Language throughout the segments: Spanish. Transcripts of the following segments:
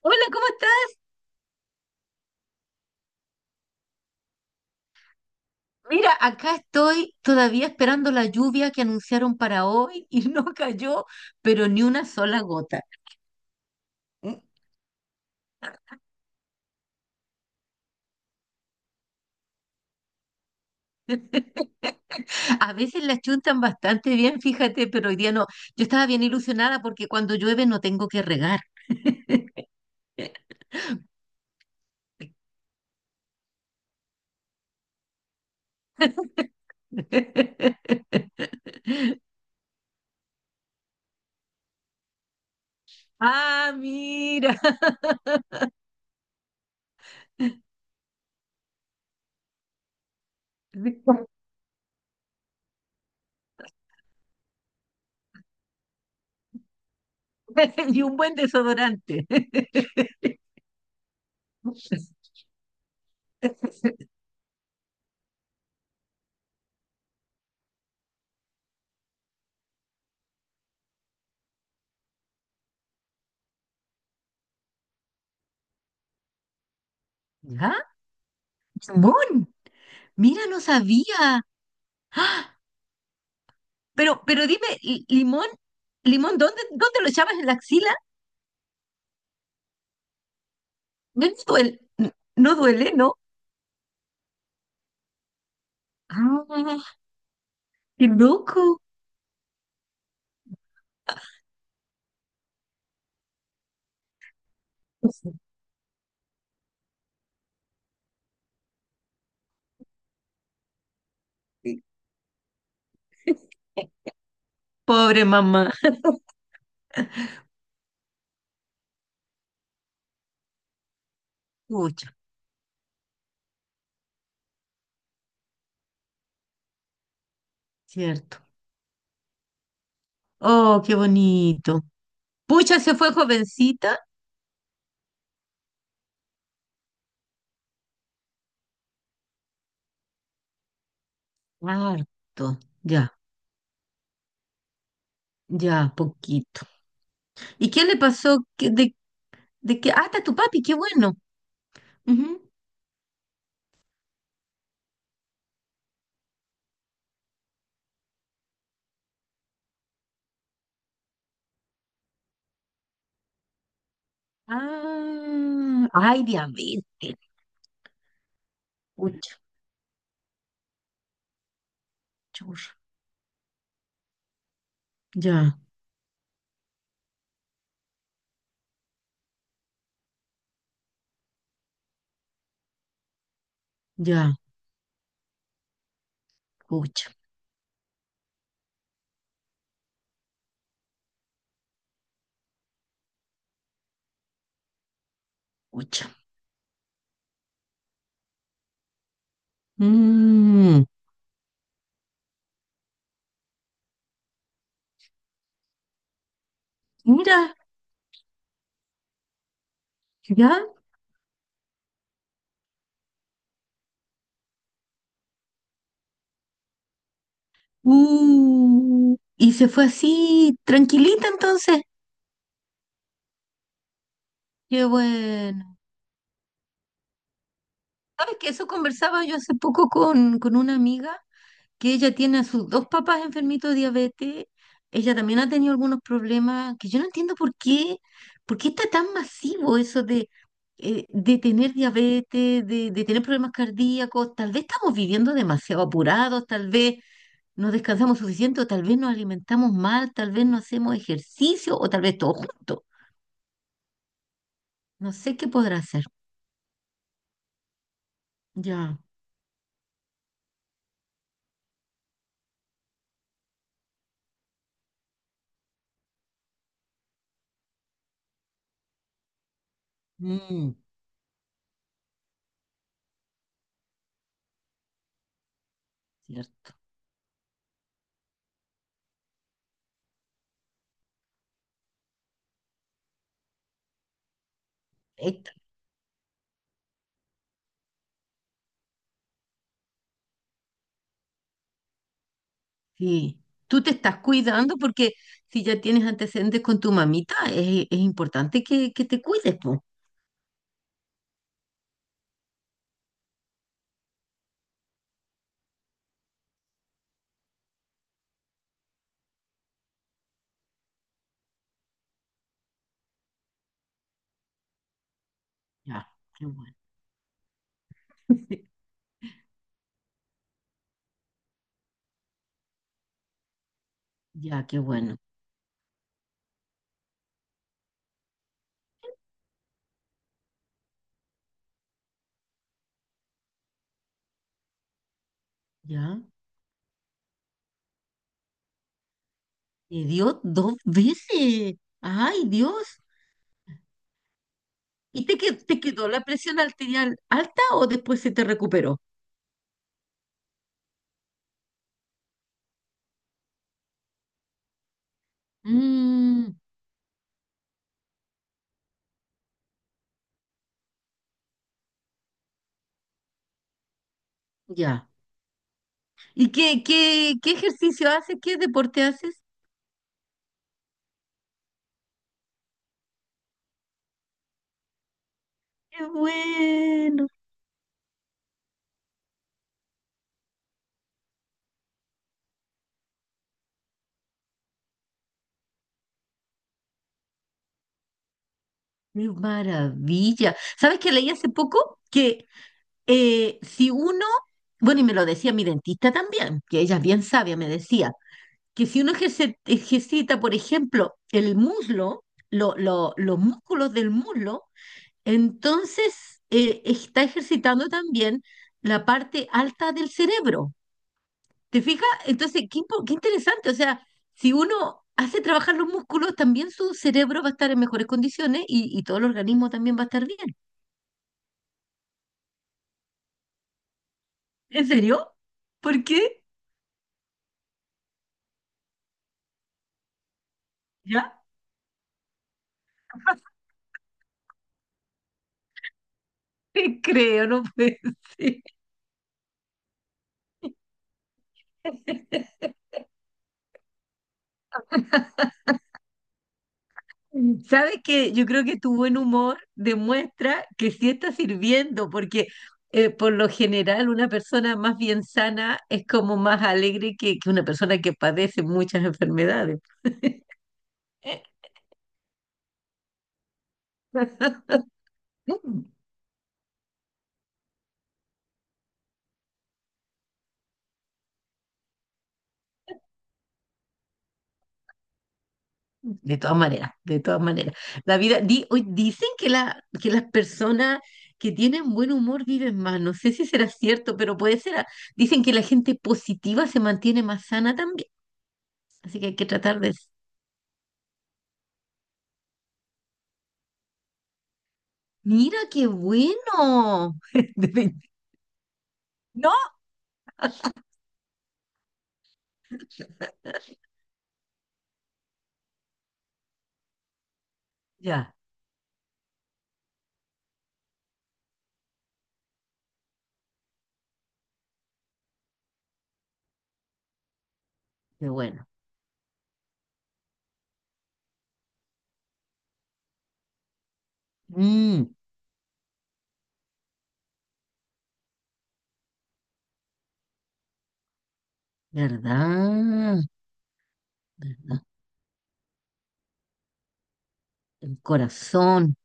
Hola, ¿cómo estás? Mira, acá estoy todavía esperando la lluvia que anunciaron para hoy y no cayó, pero ni una sola gota. A veces la chuntan bastante bien, fíjate, pero hoy día no. Yo estaba bien ilusionada porque cuando llueve no tengo que regar. Ah, mira. Y un buen desodorante. ¿Ah? ¡Jamón! Mira, no sabía. Pero dime, limón, limón, ¿ dónde lo echabas en la axila? No no duele, no duele, ¿no? Ah, qué loco. Pobre mamá. Pucha, cierto. Oh, qué bonito. Pucha se fue jovencita. Harto. Ya, ya, poquito. ¿Y qué le pasó? ¿De qué? Ah, está tu papi, qué bueno. Ujú. Ah, ay, diabetes. Pucha, churra. Ya, ya, pucha. Pucha. Mm, mira, ya. Y se fue así, tranquilita entonces. Qué bueno. ¿Sabes que eso conversaba yo hace poco con una amiga que ella tiene a sus dos papás enfermitos de diabetes. Ella también ha tenido algunos problemas que yo no entiendo por qué está tan masivo eso de tener diabetes, de tener problemas cardíacos. Tal vez estamos viviendo demasiado apurados, tal vez no descansamos suficiente o tal vez nos alimentamos mal, tal vez no hacemos ejercicio o tal vez todo junto. No sé qué podrá hacer. Ya, mm, cierto. Esta- sí. Tú te estás cuidando porque si ya tienes antecedentes con tu mamita, es importante que te cuides, po. Ya, qué bueno. Ya, qué bueno. Ya. Te dio dos veces. Ay, Dios. ¿Y te quedó la presión arterial alta o después se te recuperó? Mm, ya. ¿Y qué ejercicio haces? ¿Qué deporte haces? Qué bueno, qué maravilla. ¿Sabes qué leí hace poco? Que si uno, bueno, y me lo decía mi dentista también, que ella es bien sabia, me decía, que si uno ejercita, por ejemplo, el muslo, los músculos del muslo, entonces está ejercitando también la parte alta del cerebro. ¿Te fijas? Entonces, qué interesante. O sea, si uno hace trabajar los músculos, también su cerebro va a estar en mejores condiciones y todo el organismo también va a estar bien. ¿En serio? ¿Por qué? ¿Ya? Te creo, no puede ser. Sabes que yo creo que tu buen humor demuestra que sí está sirviendo, porque por lo general una persona más bien sana es como más alegre que una persona que padece muchas enfermedades. De todas maneras, de todas maneras. La vida, hoy dicen que, la, que las personas que tienen buen humor viven más. No sé si será cierto, pero puede ser. Dicen que la gente positiva se mantiene más sana también. Así que hay que tratar de... Mira qué bueno. De vein- No, ya, qué bueno. Mm, ¿verdad? ¿Verdad? Corazón.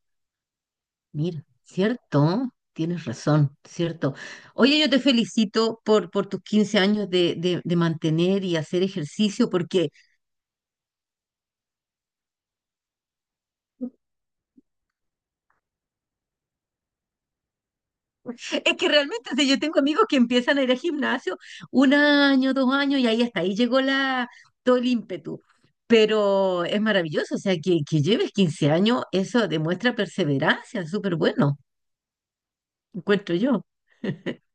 Mira, cierto, tienes razón, cierto. Oye, yo te felicito por tus 15 años de, de mantener y hacer ejercicio, porque es que realmente, si yo tengo amigos que empiezan a ir al gimnasio un año, dos años, y ahí hasta ahí llegó la, todo el ímpetu. Pero es maravilloso, o sea, que lleves 15 años, eso demuestra perseverancia, súper bueno, encuentro yo.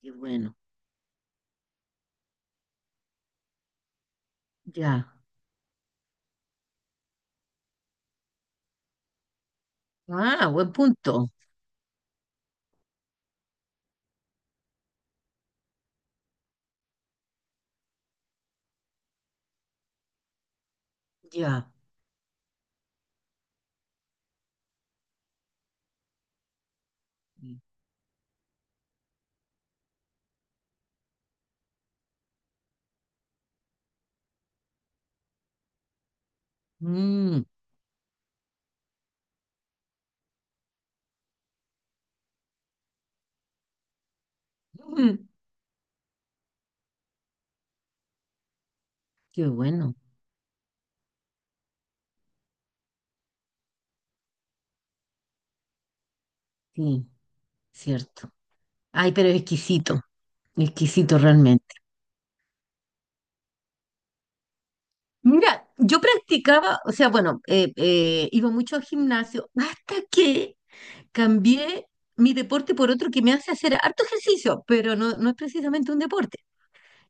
Qué bueno, ya. Ah, buen punto, ya. Mm. Qué bueno, sí, cierto. Ay, pero exquisito, exquisito realmente. Mira, yo practicaba, o sea, bueno, iba mucho al gimnasio hasta que cambié mi deporte por otro que me hace hacer harto ejercicio, pero no, no es precisamente un deporte.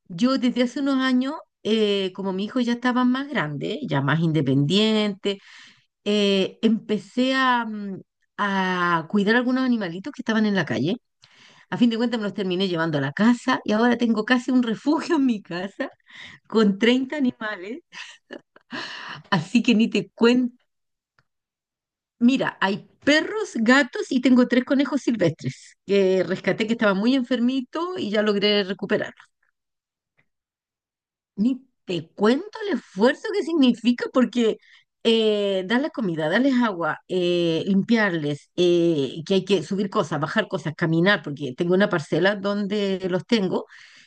Yo desde hace unos años, como mi hijo ya estaba más grande, ya más independiente, empecé a, a cuidar algunos animalitos que estaban en la calle. A fin de cuentas me los terminé llevando a la casa y ahora tengo casi un refugio en mi casa con 30 animales. Así que ni te cuento. Mira, hay perros, gatos y tengo tres conejos silvestres que rescaté que estaban muy enfermitos y ya logré recuperar. Ni te cuento el esfuerzo que significa porque darles comida, darles agua, limpiarles, que hay que subir cosas, bajar cosas, caminar, porque tengo una parcela donde los tengo,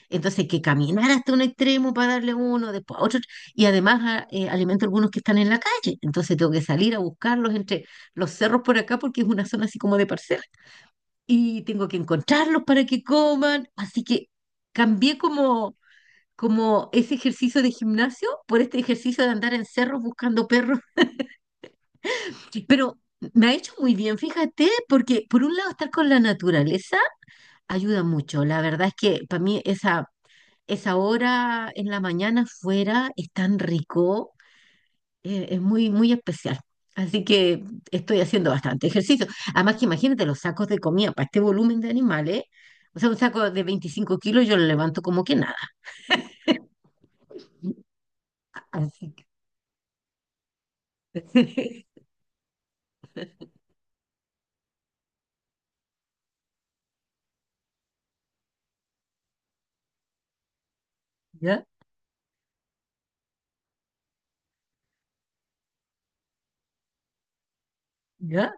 entonces hay que caminar hasta un extremo para darle uno, después a otro, y además alimento algunos que están en la calle, entonces tengo que salir a buscarlos entre los cerros por acá porque es una zona así como de parcela, y tengo que encontrarlos para que coman, así que cambié como como ese ejercicio de gimnasio por este ejercicio de andar en cerros buscando perros. Pero me ha hecho muy bien, fíjate, porque por un lado estar con la naturaleza ayuda mucho. La verdad es que para mí esa, esa hora en la mañana fuera es tan rico, es muy especial. Así que estoy haciendo bastante ejercicio. Además que imagínate los sacos de comida para este volumen de animales. O sea, un saco de 25 kilos yo lo levanto como que nada. Así que... ¿Ya? ¿Ya?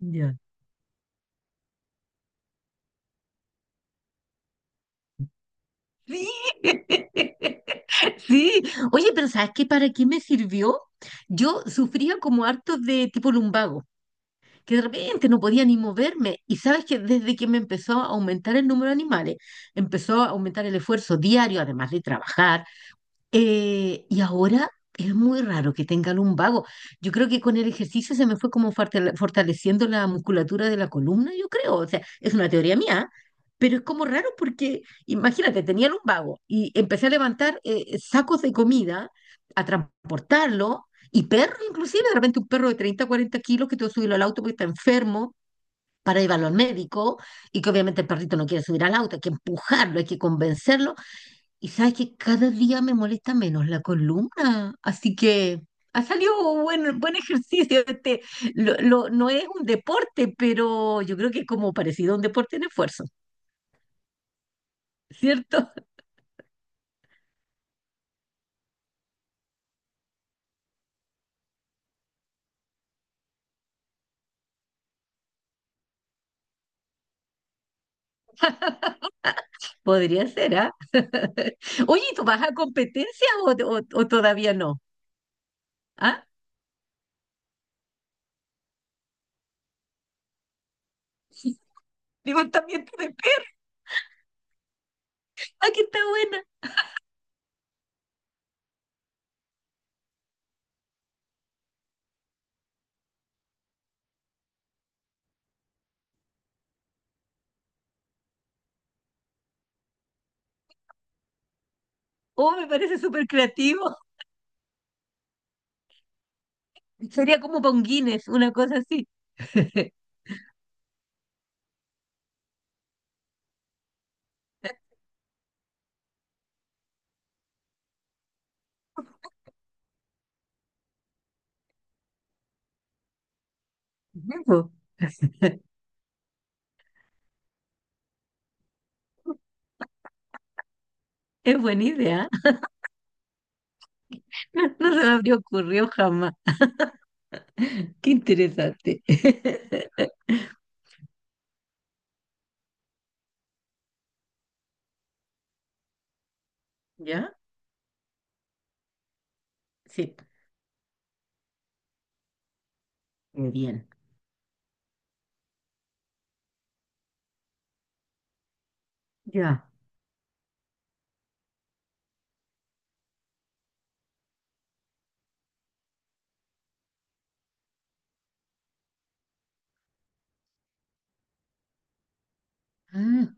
¿Ya? Sí, sí. Oye, pero ¿sabes qué? ¿Para qué me sirvió? Yo sufría como hartos de tipo lumbago, que de repente no podía ni moverme. Y sabes que desde que me empezó a aumentar el número de animales, empezó a aumentar el esfuerzo diario, además de trabajar, y ahora es muy raro que tenga lumbago. Yo creo que con el ejercicio se me fue como fortaleciendo la musculatura de la columna, yo creo. O sea, es una teoría mía, pero es como raro porque, imagínate, tenía lumbago y empecé a levantar sacos de comida, a transportarlo, y perros inclusive, de repente un perro de 30, 40 kilos que tuvo que subirlo al auto porque está enfermo. Para llevarlo al médico y que obviamente el perrito no quiere subir al auto, hay que empujarlo, hay que convencerlo y sabes que cada día me molesta menos la columna, así que ha salido buen, buen ejercicio. Este, lo, no es un deporte, pero yo creo que es como parecido a un deporte en esfuerzo, ¿cierto? Podría ser, ¿ah? Oye, ¿y ¿tú vas a competencias o, o todavía no? ¿Ah? Levantamiento de pesas, ¡ah, que está buena! Oh, me parece súper creativo. Sería como para un Guinness, una cosa así. Ujú. Es buena idea. No, no se me habría ocurrido jamás. Qué interesante. ¿Ya? Sí. Muy bien. Ya. Ah,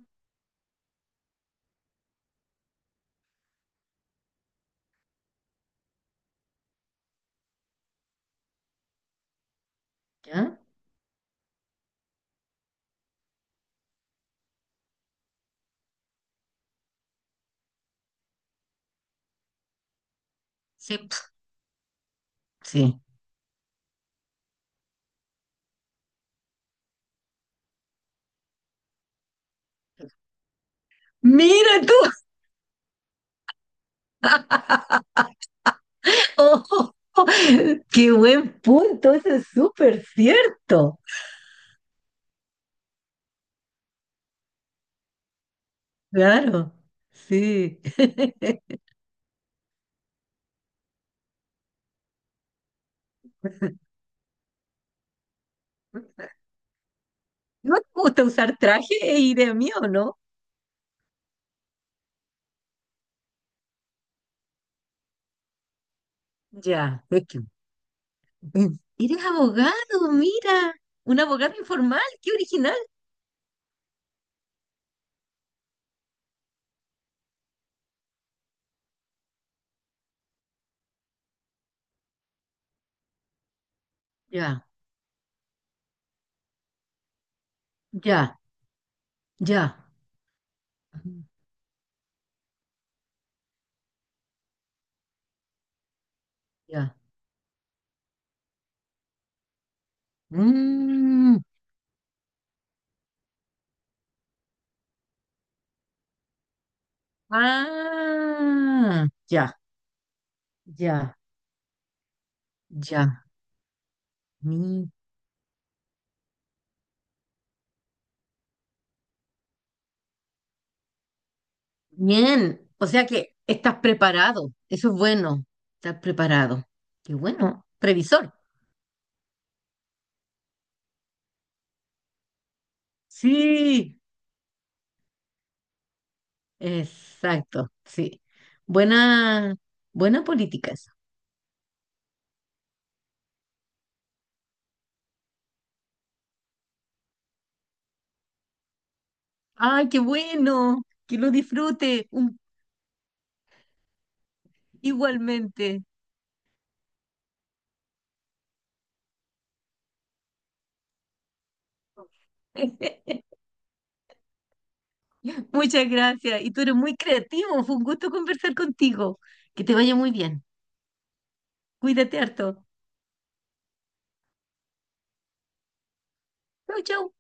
¿ya? Sí. Sí. Mira tú. ¡Oh! Qué buen punto. Eso es súper cierto. Claro. Sí. ¿No te gusta usar traje e ir de mí o no? Ya. Mm. Eres abogado, mira. Un abogado informal. Qué original. Ya. Ya. Ya. Ujú, ya. Mm, ah, ya, ya, ya. Ni- Bien. O sea que estás preparado. Eso es bueno. Estás preparado. Qué bueno. Previsor. Sí, exacto. Sí. Buena, buena política esa. Ay, qué bueno. Que lo disfrute igualmente. Muchas gracias. Y tú eres muy creativo. Fue un gusto conversar contigo. Que te vaya muy bien. Cuídate harto. Chau, chau.